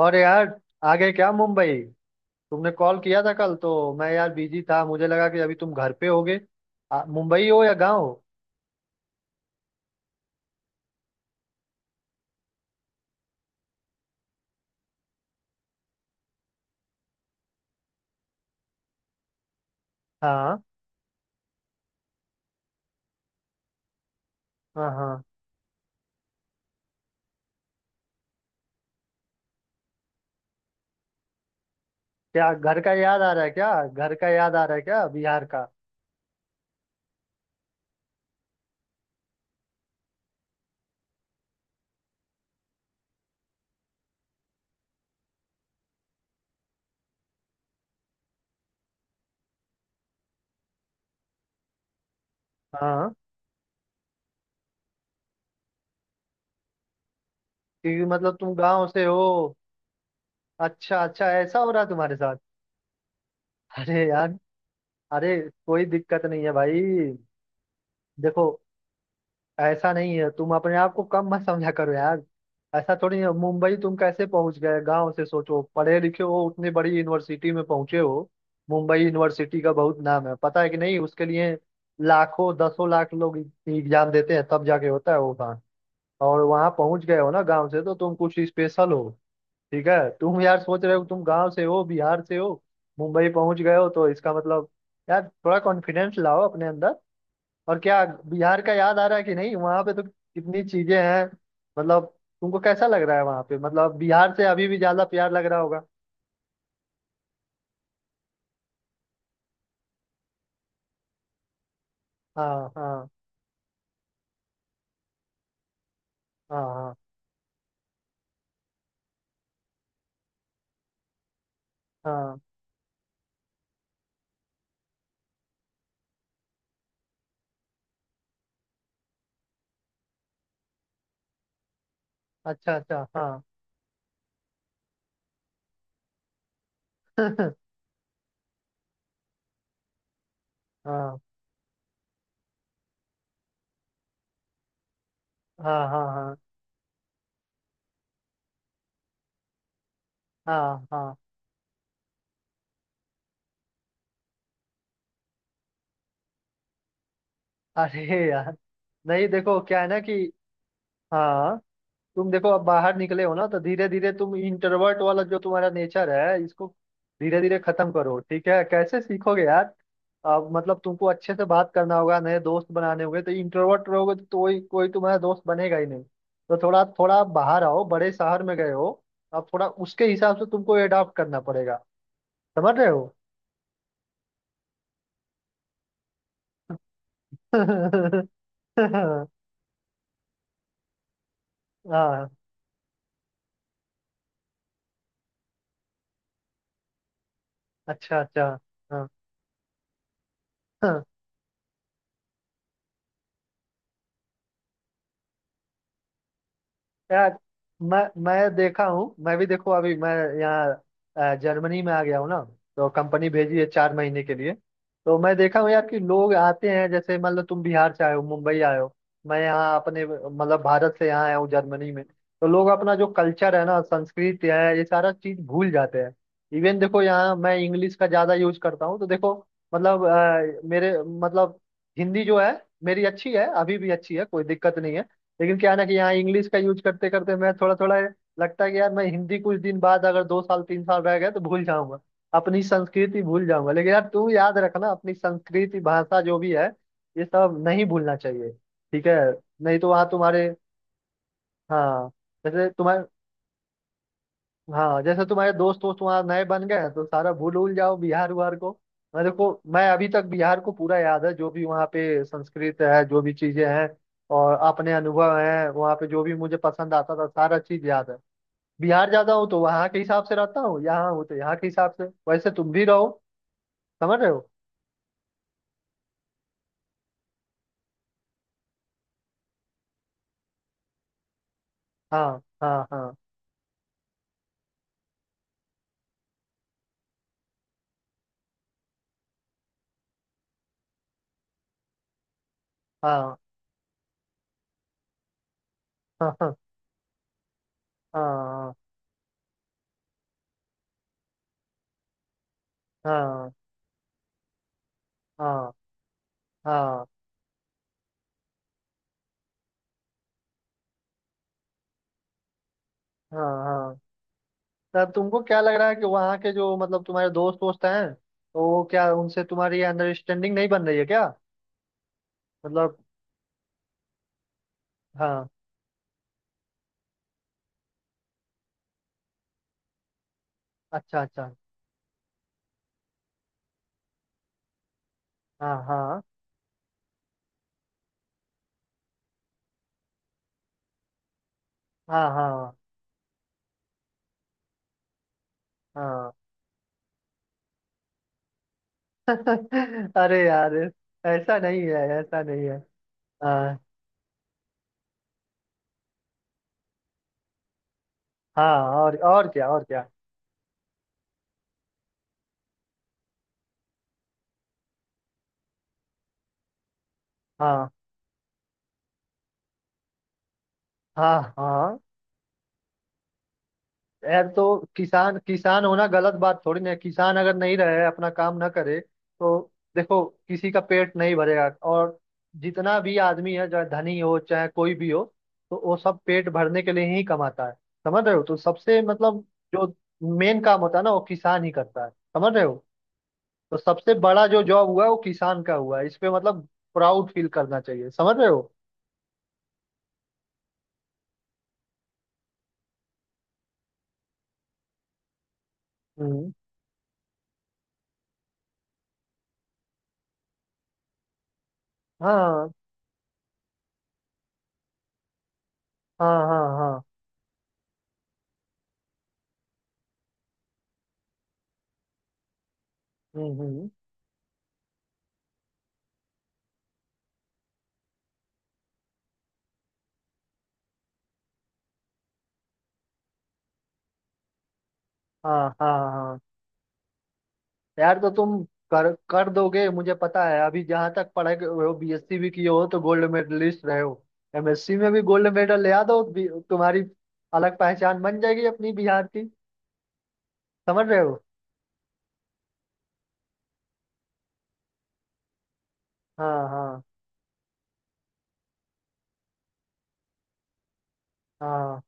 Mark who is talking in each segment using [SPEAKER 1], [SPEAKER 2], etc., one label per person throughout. [SPEAKER 1] और यार, आगे क्या मुंबई? तुमने कॉल किया था कल, तो मैं यार बिजी था। मुझे लगा कि अभी तुम घर पे होगे। मुंबई हो या गांव? हाँ, हाँ, हाँ। क्या घर का याद आ रहा है? क्या घर का याद आ रहा है? क्या बिहार का? हाँ। क्योंकि मतलब तुम गांव से हो। अच्छा, अच्छा, ऐसा हो रहा है तुम्हारे साथ? अरे यार, अरे, कोई दिक्कत नहीं है भाई। देखो, ऐसा नहीं है। तुम अपने आप को कम मत समझा करो यार। ऐसा थोड़ी है, मुंबई तुम कैसे पहुंच गए गांव से? सोचो, पढ़े लिखे हो, उतनी बड़ी यूनिवर्सिटी में पहुंचे हो। मुंबई यूनिवर्सिटी का बहुत नाम है, पता है कि नहीं, उसके लिए। लाखों, दसों लाख लोग एग्जाम देते हैं, तब जाके होता है वो काम। और वहां पहुंच गए हो ना गांव से, तो तुम कुछ स्पेशल हो। ठीक है, तुम यार सोच रहे हो तुम गांव से हो, बिहार से हो, मुंबई पहुंच गए हो तो इसका मतलब, यार थोड़ा कॉन्फिडेंस लाओ अपने अंदर। और क्या? बिहार का याद आ रहा है कि नहीं, वहां पे तो कितनी चीजें हैं? मतलब, तुमको कैसा लग रहा है वहां पे, मतलब बिहार से अभी भी ज्यादा प्यार लग रहा होगा। हाँ, हाँ, हाँ, हाँ, हाँ। अच्छा, अच्छा, हाँ। हाँ, हाँ, हाँ, हाँ, हाँ, हाँ। अरे यार, नहीं देखो, क्या है ना कि, हाँ, तुम देखो अब बाहर निकले हो ना, तो धीरे धीरे तुम इंट्रोवर्ट वाला जो तुम्हारा नेचर है इसको, धीरे धीरे खत्म करो। ठीक है, कैसे सीखोगे यार। अब मतलब तुमको अच्छे से बात करना होगा, नए दोस्त बनाने होंगे, तो इंट्रोवर्ट रहोगे तो कोई कोई तुम्हारा दोस्त बनेगा ही नहीं। तो थोड़ा थोड़ा बाहर आओ, बड़े शहर में गए हो, अब थोड़ा उसके हिसाब से तुमको एडॉप्ट करना पड़ेगा। समझ रहे हो? हाँ, अच्छा, अच्छा, हाँ, हाँ। यार, मैं मैं देखा हूँ। मैं भी देखो, अभी मैं यहाँ जर्मनी में आ गया हूँ ना। तो कंपनी भेजी है 4 महीने के लिए। तो मैं देखा हूँ यार कि लोग आते हैं, जैसे मतलब तुम बिहार से आए हो, मुंबई आए हो। मैं यहाँ अपने मतलब भारत से यहाँ आया हूँ जर्मनी में, तो लोग अपना जो कल्चर है ना, संस्कृति है, ये सारा चीज भूल जाते हैं। इवन देखो, यहाँ मैं इंग्लिश का ज्यादा यूज करता हूँ तो देखो, मतलब मेरे मतलब, हिंदी जो है, मेरी अच्छी है, अभी भी अच्छी है, कोई दिक्कत नहीं है। लेकिन क्या है ना कि यहाँ इंग्लिश का यूज करते करते मैं थोड़ा थोड़ा, लगता है कि यार मैं हिंदी कुछ दिन बाद, अगर 2 साल 3 साल रह गए तो भूल जाऊंगा। अपनी संस्कृति भूल जाऊंगा, लेकिन यार तू याद रखना, अपनी संस्कृति, भाषा जो भी है, ये सब नहीं भूलना चाहिए। ठीक है। नहीं तो वहाँ तुम्हारे, हाँ जैसे तुम्हारे हाँ, जैसे तुम्हारे दोस्त वोस्त वहाँ नए बन गए हैं, तो सारा भूल उल जाओ बिहार उहार को। मैं देखो, मैं अभी तक बिहार को पूरा याद है, जो भी वहाँ पे संस्कृत है, जो भी चीजें हैं, और अपने अनुभव हैं वहाँ पे, जो भी मुझे पसंद आता था, सारा चीज याद है। बिहार जाता हूँ तो वहाँ के हिसाब से रहता हूँ, यहाँ हूँ तो यहाँ के हिसाब से। वैसे तुम भी रहो। समझ रहे हो? हाँ, हाँ, हाँ, हाँ, हाँ, हाँ, हाँ, हाँ, हाँ, हाँ, हाँ, हाँ। तब तुमको क्या लग रहा है कि वहाँ के, जो मतलब तुम्हारे दोस्त वोस्त हैं, तो वो क्या, उनसे तुम्हारी अंडरस्टैंडिंग नहीं बन रही है क्या? मतलब, हाँ, अच्छा, अच्छा, हाँ, हाँ, हाँ, हाँ, हाँ। अरे यार, ऐसा नहीं है, ऐसा नहीं है। हाँ, हाँ, और क्या, और क्या? हाँ, हाँ, हाँ। यार तो, किसान किसान होना गलत बात थोड़ी ना है, किसान अगर नहीं रहे, अपना काम ना करे तो, देखो किसी का पेट नहीं भरेगा। और जितना भी आदमी है, चाहे धनी हो, चाहे कोई भी हो, तो वो सब पेट भरने के लिए ही कमाता है। समझ रहे हो? तो सबसे मतलब, जो मेन काम होता है ना, वो किसान ही करता है। समझ रहे हो? तो सबसे बड़ा जो जॉब हुआ है वो किसान का हुआ है, इस पे मतलब प्राउड फील करना चाहिए। समझ रहे हो? हम्म, हाँ, हाँ, हाँ, हाँ, हम्म, हम्म, हाँ, हाँ, हाँ। यार तो तुम, कर कर दोगे, मुझे पता है। अभी जहाँ तक वो बीएससी भी किए हो तो गोल्ड मेडलिस्ट रहे हो। एमएससी में भी गोल्ड मेडल ले आ दो तुम्हारी अलग पहचान बन जाएगी अपनी बिहार की। समझ रहे हो? हाँ, हाँ, हाँ,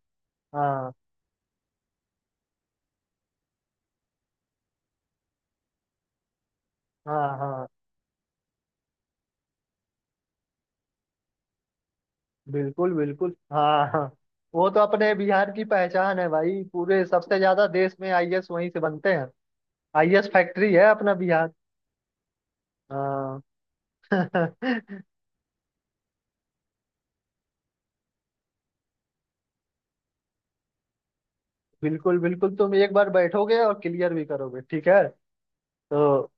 [SPEAKER 1] हाँ, हाँ, हाँ, बिल्कुल, बिल्कुल, हाँ, हाँ। वो तो अपने बिहार की पहचान है भाई, पूरे सबसे ज्यादा देश में आईएएस वहीं से बनते हैं। आईएएस फैक्ट्री है अपना बिहार। हाँ। बिल्कुल, बिल्कुल, तुम एक बार बैठोगे और क्लियर भी करोगे, ठीक है। तो,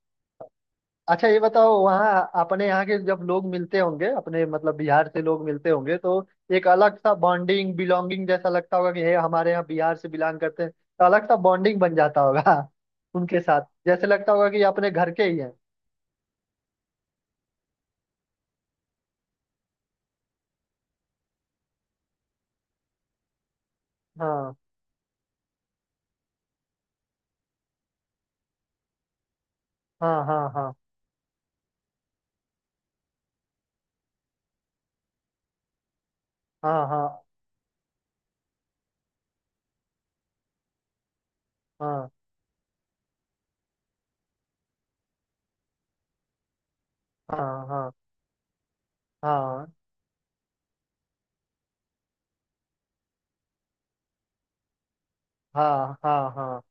[SPEAKER 1] अच्छा ये बताओ, वहाँ अपने यहाँ के जब लोग मिलते होंगे, अपने मतलब बिहार से लोग मिलते होंगे तो, एक अलग सा बॉन्डिंग बिलोंगिंग जैसा लगता होगा कि हे, हमारे यहाँ बिहार से बिलोंग करते हैं, तो अलग सा बॉन्डिंग बन जाता होगा। उनके साथ जैसे लगता होगा कि अपने घर के ही हैं। हाँ, हाँ, हाँ, हाँ, हाँ, हाँ, हाँ, हाँ, हाँ, हाँ, हाँ, हाँ, हाँ, हाँ,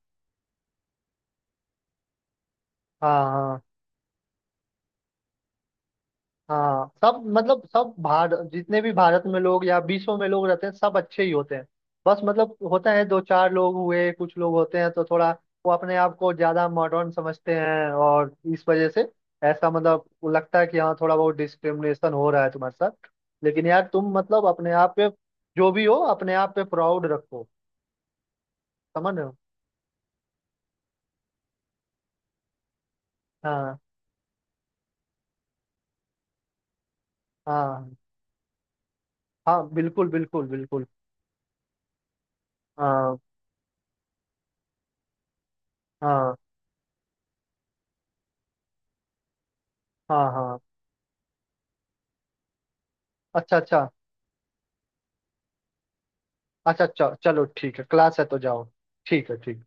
[SPEAKER 1] हाँ, हाँ, हाँ, सब मतलब सब भारत, जितने भी भारत में लोग या विश्व में लोग रहते हैं, सब अच्छे ही होते हैं। बस मतलब होता है, दो चार लोग हुए, कुछ लोग होते हैं तो थोड़ा, वो अपने आप को ज्यादा मॉडर्न समझते हैं, और इस वजह से ऐसा मतलब वो लगता है कि हाँ, थोड़ा बहुत डिस्क्रिमिनेशन हो रहा है तुम्हारे साथ। लेकिन यार तुम मतलब अपने आप पे, जो भी हो अपने आप पे प्राउड रखो। समझ रहे हो? हाँ, हाँ, हाँ, हाँ, बिल्कुल, बिल्कुल, बिल्कुल, हाँ, हाँ, हाँ, हाँ। अच्छा, अच्छा, अच्छा, चलो, ठीक है, क्लास है तो जाओ। ठीक है, ठीक।